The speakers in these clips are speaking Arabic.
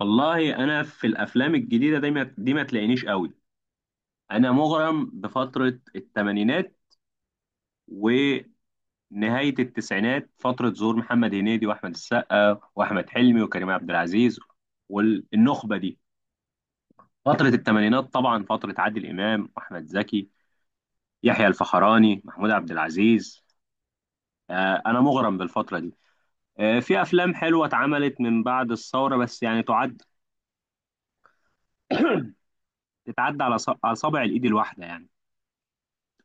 والله انا في الافلام الجديده دي ما تلاقينيش قوي. انا مغرم بفتره الثمانينات ونهايه التسعينات، فتره ظهور محمد هنيدي واحمد السقا واحمد حلمي وكريم عبد العزيز والنخبه دي. فتره الثمانينات طبعا فتره عادل امام واحمد زكي، يحيى الفخراني، محمود عبد العزيز. انا مغرم بالفتره دي. في افلام حلوه اتعملت من بعد الثوره بس يعني تتعدى على على صابع الايد الواحده يعني،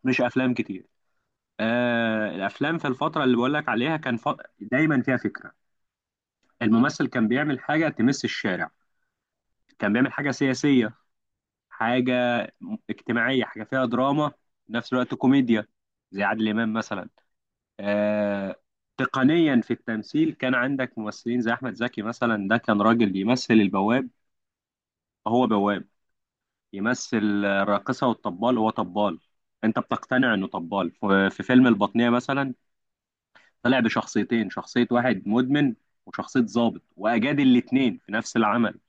مش افلام كتير. آه، الافلام في الفتره اللي بقول لك عليها دايما فيها فكره. الممثل كان بيعمل حاجه تمس الشارع، كان بيعمل حاجه سياسيه، حاجه اجتماعيه، حاجه فيها دراما في نفس الوقت كوميديا، زي عادل امام مثلا. آه، تقنيا في التمثيل كان عندك ممثلين زي احمد زكي مثلا، ده كان راجل بيمثل البواب هو بواب، يمثل الراقصه والطبال هو طبال. انت بتقتنع انه طبال في في فيلم البطنيه مثلا. طلع بشخصيتين، شخصية واحد مدمن وشخصية ضابط، وأجاد الاتنين في نفس العمل.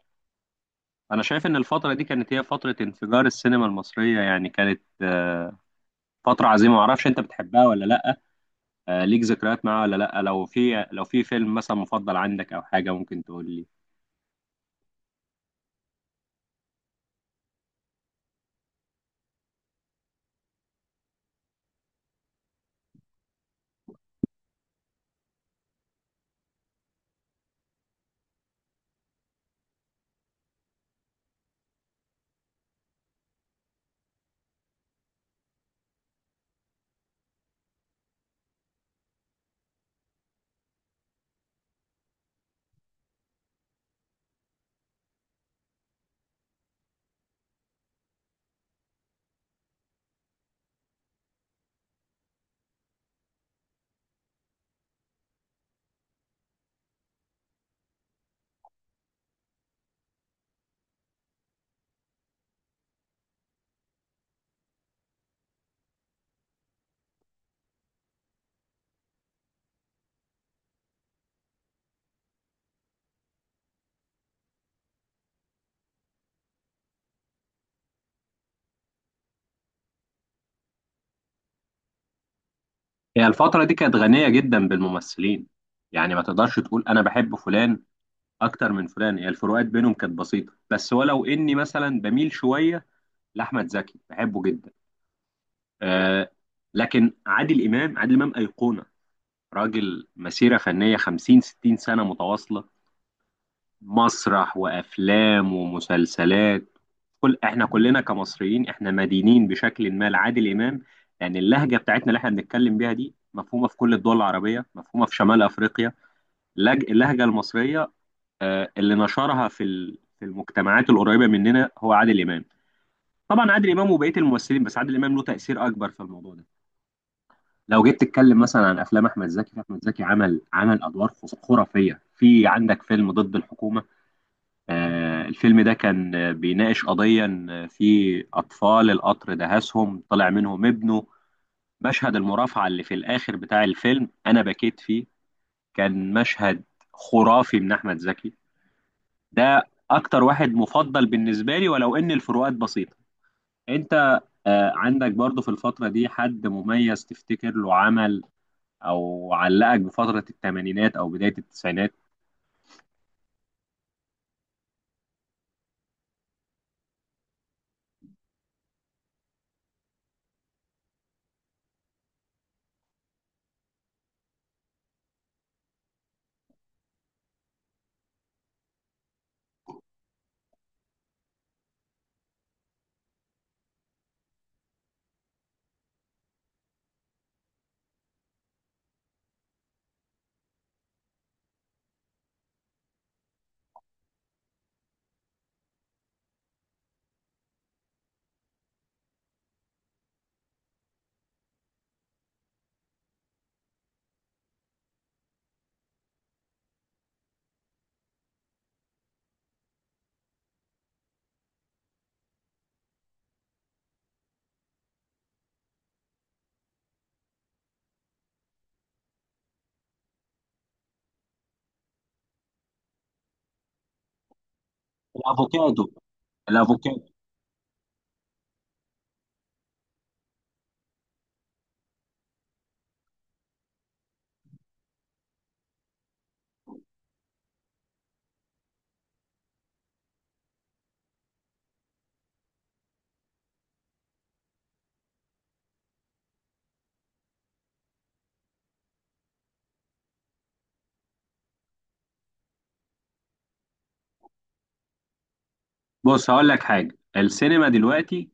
أنا شايف إن الفترة دي كانت هي فترة انفجار السينما المصرية، يعني كانت فترة عظيمة. معرفش أنت بتحبها ولا لأ، آه، ليك ذكريات معاها ولا لأ؟ لو في فيلم مثلا مفضل عندك أو حاجة ممكن تقول لي. هي الفترة دي كانت غنية جدا بالممثلين، يعني ما تقدرش تقول أنا بحب فلان أكتر من فلان، هي الفروقات بينهم كانت بسيطة، بس ولو إني مثلا بميل شوية لأحمد زكي، بحبه جدا. آه، لكن عادل امام ايقونه، راجل مسيره فنيه 50 60 سنه متواصله، مسرح وافلام ومسلسلات. كل احنا كلنا كمصريين احنا مدينين بشكل ما لعادل امام، لان اللهجه بتاعتنا اللي احنا بنتكلم بيها دي مفهومه في كل الدول العربيه، مفهومه في شمال افريقيا. اللهجه المصريه، آه، اللي نشرها في في المجتمعات القريبه مننا هو عادل امام. طبعا عادل امام وبقيه الممثلين، بس عادل امام له تاثير اكبر في الموضوع ده. لو جيت تتكلم مثلا عن افلام احمد زكي، فاحمد زكي عمل ادوار خرافيه. في عندك فيلم ضد الحكومه، آه، الفيلم ده كان بيناقش قضيه إن في اطفال القطر دهسهم طلع منهم ابنه. مشهد المرافعه اللي في الاخر بتاع الفيلم انا بكيت فيه، كان مشهد خرافي من احمد زكي. ده اكتر واحد مفضل بالنسبه لي، ولو ان الفروقات بسيطه. انت آه، عندك برضو في الفتره دي حد مميز تفتكر له عمل او علقك بفتره الثمانينات او بدايه التسعينات؟ الافوكادو، الافوكادو. بص هقول لك حاجه، السينما دلوقتي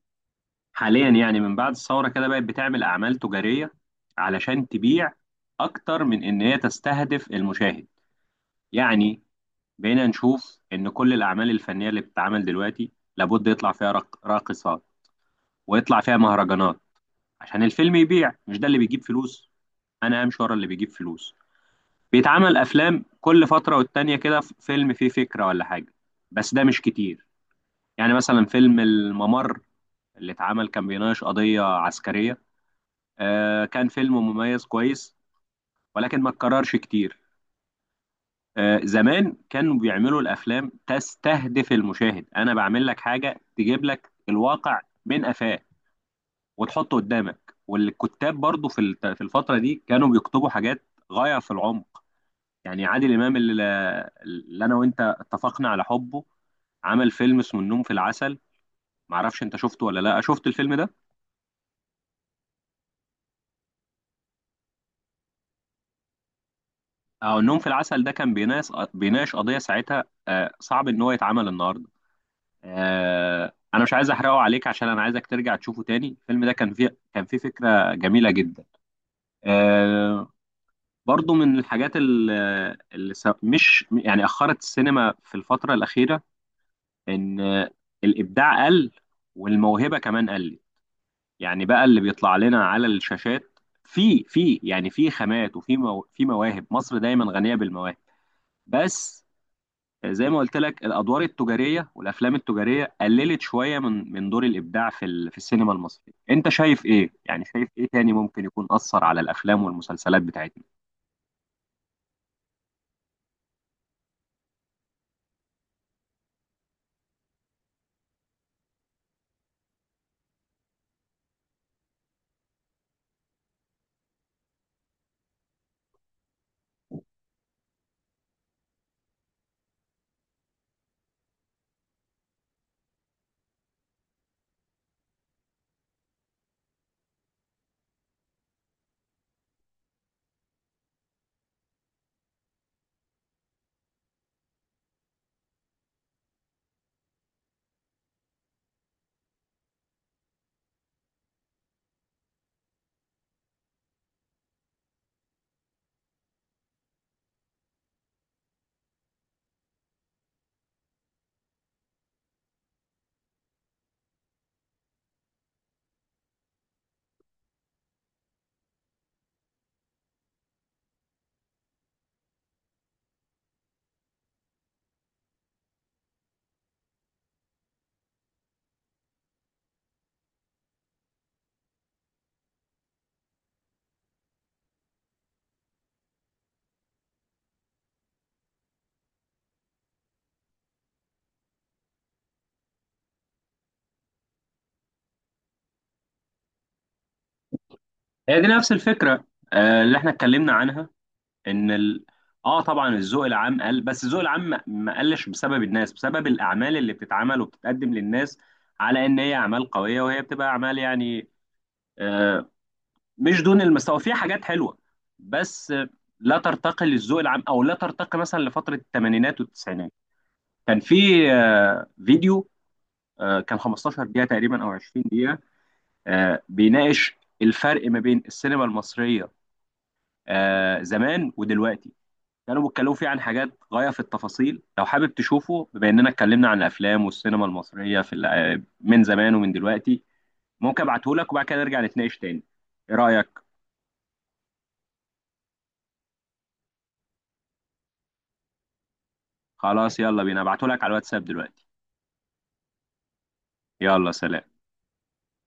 حاليا يعني من بعد الثوره كده بقت بتعمل اعمال تجاريه علشان تبيع، اكتر من ان هي تستهدف المشاهد. يعني بقينا نشوف ان كل الاعمال الفنيه اللي بتتعمل دلوقتي لابد يطلع فيها راقصات ويطلع فيها مهرجانات عشان الفيلم يبيع، مش ده اللي بيجيب فلوس، انا همشي ورا اللي بيجيب فلوس. بيتعمل افلام كل فتره والتانيه كده فيلم فيه فكره ولا حاجه، بس ده مش كتير. يعني مثلا فيلم الممر اللي اتعمل كان بيناقش قضيه عسكريه، آه كان فيلم مميز كويس، ولكن ما اتكررش كتير. آه، زمان كانوا بيعملوا الافلام تستهدف المشاهد. انا بعمل لك حاجه تجيب لك الواقع من قفاه وتحطه قدامك. والكتاب برضو في في الفتره دي كانوا بيكتبوا حاجات غايه في العمق. يعني عادل امام اللي انا وانت اتفقنا على حبه، عمل فيلم اسمه النوم في العسل، معرفش انت شفته ولا لا. شفت الفيلم ده؟ اه، النوم في العسل ده كان بيناقش قضيه ساعتها آه، صعب ان هو يتعمل النهارده. آه، انا مش عايز احرقه عليك عشان انا عايزك ترجع تشوفه تاني. الفيلم ده كان فيه فكره جميله جدا. آه، برضو من الحاجات اللي مش يعني اخرت السينما في الفتره الاخيره ان آه، الابداع قل والموهبه كمان قلت، يعني بقى اللي بيطلع لنا على الشاشات. في يعني في خامات وفي مو في مواهب، مصر دايما غنية بالمواهب، بس زي ما قلت لك الأدوار التجارية والأفلام التجارية قللت شوية من دور الإبداع في في السينما المصرية. أنت شايف إيه؟ يعني شايف إيه تاني ممكن يكون أثر على الأفلام والمسلسلات بتاعتنا؟ هي دي نفس الفكرة آه، اللي احنا اتكلمنا عنها، ان ال... اه طبعا الذوق العام قل، بس الذوق العام ما قلش بسبب الناس، بسبب الاعمال اللي بتتعمل وبتتقدم للناس على ان هي اعمال قويه، وهي بتبقى اعمال يعني آه مش دون المستوى، فيها حاجات حلوه، بس آه، لا ترتقي للذوق العام او لا ترتقي مثلا لفتره الثمانينات والتسعينات. كان في آه فيديو، آه كان 15 دقيقه تقريبا او 20 دقيقه، آه بيناقش الفرق ما بين السينما المصريه آه زمان ودلوقتي، كانوا بيتكلموا فيه عن حاجات غاية في التفاصيل. لو حابب تشوفه بما اننا اتكلمنا عن الافلام والسينما المصرية في من زمان ومن دلوقتي، ممكن ابعته لك وبعد كده نرجع نتناقش تاني. ايه رأيك؟ خلاص، يلا بينا ابعته لك على الواتساب دلوقتي. يلا سلام.